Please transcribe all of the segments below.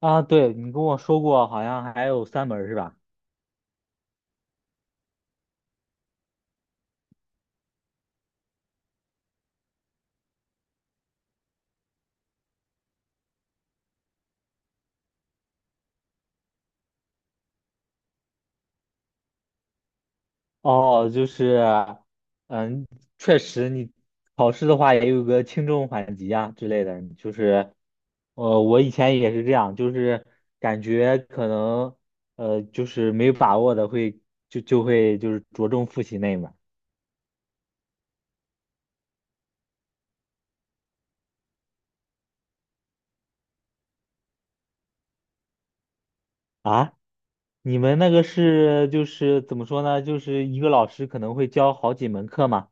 啊，对，你跟我说过，好像还有三门儿是吧？哦，就是，嗯，确实，你考试的话也有个轻重缓急啊之类的，就是，我以前也是这样，就是感觉可能，就是没有把握的会就会就是着重复习那一门儿啊。你们那个是就是怎么说呢？就是一个老师可能会教好几门课嘛？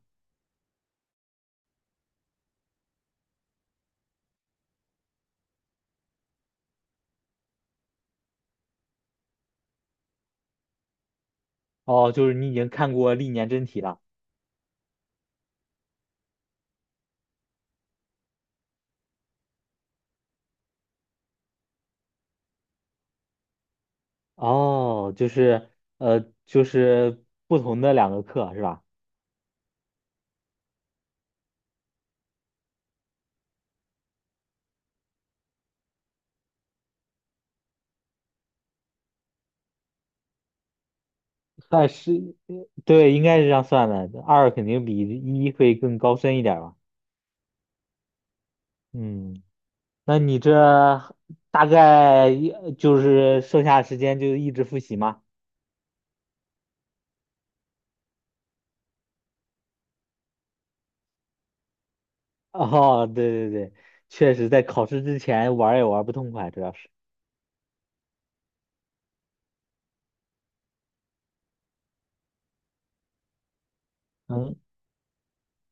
哦，就是你已经看过历年真题了。哦，就是就是不同的两个课是吧？算是，对，应该是这样算的。二肯定比一会更高深一点儿吧？嗯，那你这大概一就是剩下的时间就一直复习吗？哦，对对对，确实在考试之前玩儿也玩儿不痛快，主要是。嗯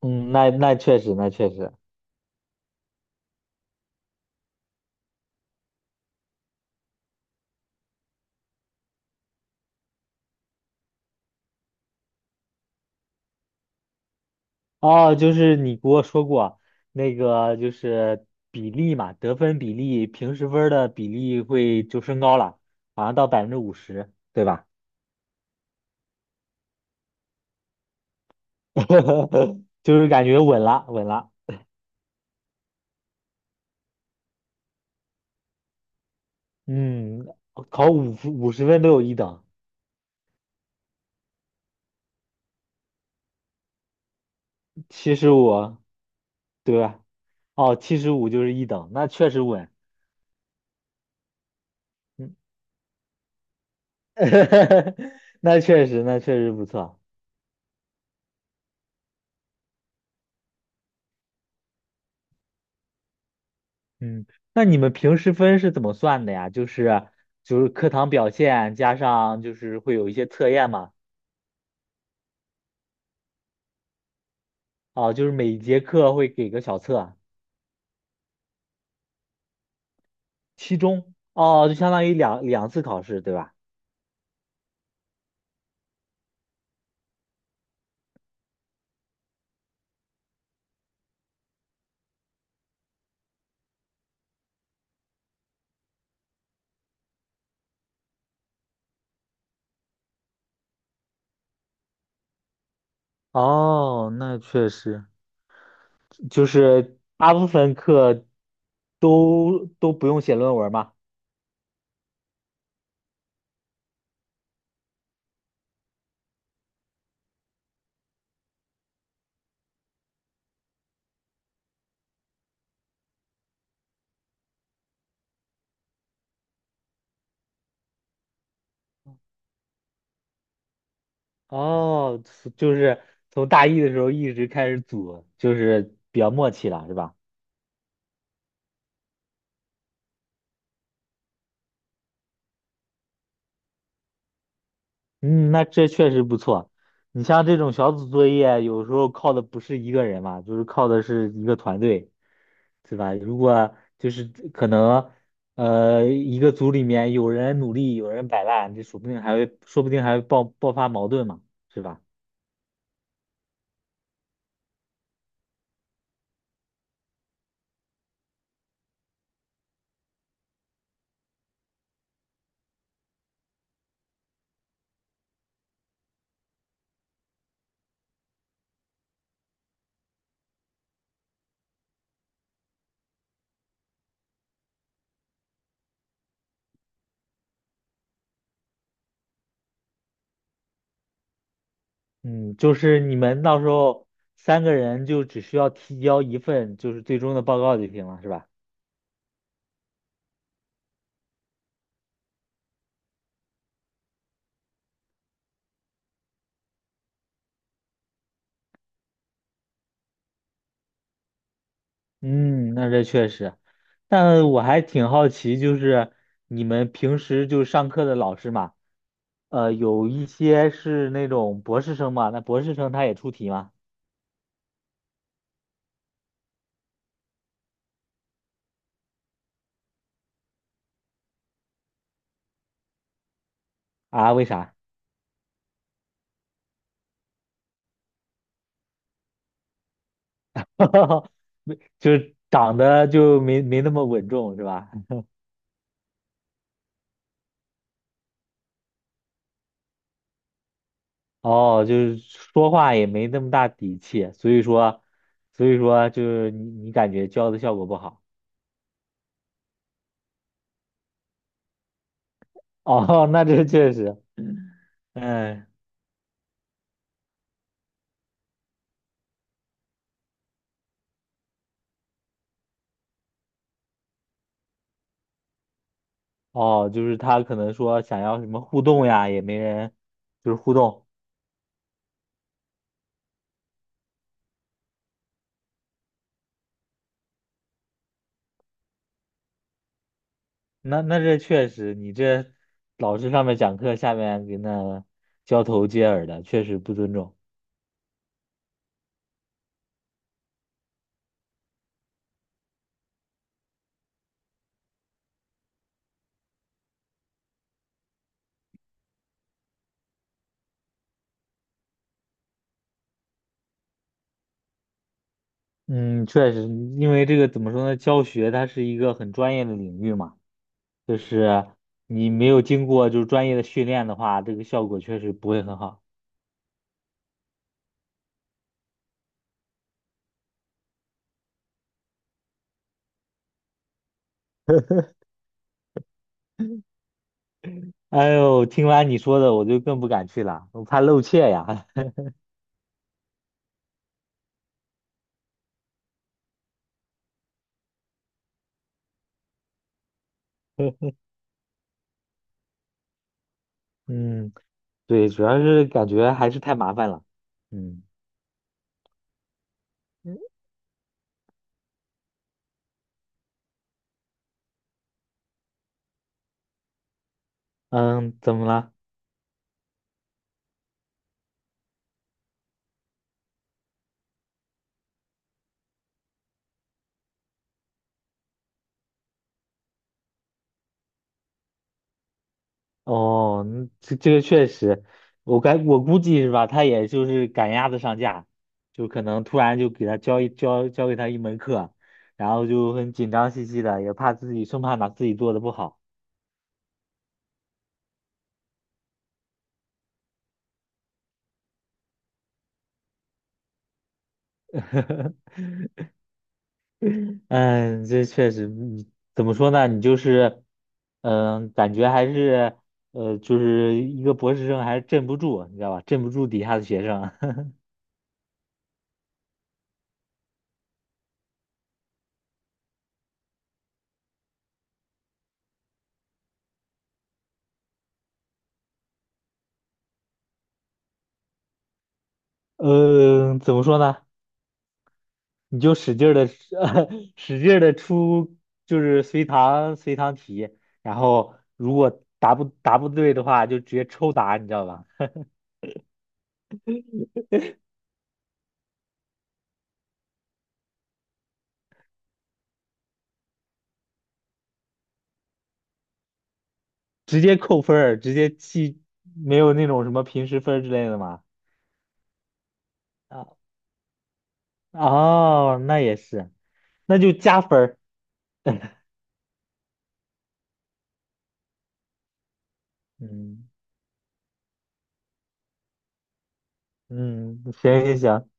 嗯，那那确实，那确实。哦，就是你给我说过那个，就是比例嘛，得分比例，平时分儿的比例会就升高了，好像到百分之五十，对吧？就是感觉稳了，稳了。嗯，考五十分都有一等，七十五，对吧？哦，七十五就是一等，那确实稳。嗯，那确实，那确实不错。嗯，那你们平时分是怎么算的呀？就是就是课堂表现加上就是会有一些测验嘛，哦，就是每节课会给个小测，期中，哦，就相当于两次考试，对吧？哦，那确实，就是大部分课都不用写论文嘛。哦，就是从大一的时候一直开始组，就是比较默契了，是吧？嗯，那这确实不错。你像这种小组作业，有时候靠的不是一个人嘛，就是靠的是一个团队，对吧？如果就是可能，一个组里面有人努力，有人摆烂，这说不定还会，说不定还会爆发矛盾嘛，是吧？嗯，就是你们到时候三个人就只需要提交一份就是最终的报告就行了，是吧？嗯，那这确实，但我还挺好奇，就是你们平时就上课的老师嘛，有一些是那种博士生嘛，那博士生他也出题吗？啊，为啥？没，就是长得就没那么稳重是吧？哦，就是说话也没那么大底气，所以说，所以说就是你感觉教的效果不好。哦，那这确实，嗯。哦，就是他可能说想要什么互动呀，也没人就是互动。那那这确实，你这老师上面讲课，下面给那交头接耳的，确实不尊重。嗯，确实，因为这个怎么说呢，教学它是一个很专业的领域嘛，就是你没有经过就是专业的训练的话，这个效果确实不会很好 哎呦，听完你说的，我就更不敢去了，我怕露怯呀。嗯，对，主要是感觉还是太麻烦了。嗯。嗯，怎么了？哦，嗯这这个确实，我该我估计是吧，他也就是赶鸭子上架，就可能突然就给他教给他一门课，然后就很紧张兮兮的，也怕自己生怕把自己做的不好。嗯，这确实，你怎么说呢？你就是，嗯，感觉还是就是一个博士生还是镇不住，你知道吧？镇不住底下的学生。嗯，怎么说呢？你就使劲的 使劲的出，就是随堂题，然后如果答不对的话，就直接抽答，你知道吧？直接扣分儿，直接记，没有那种什么平时分儿之类的吗？啊，哦，那也是，那就加分儿。嗯嗯，行行行，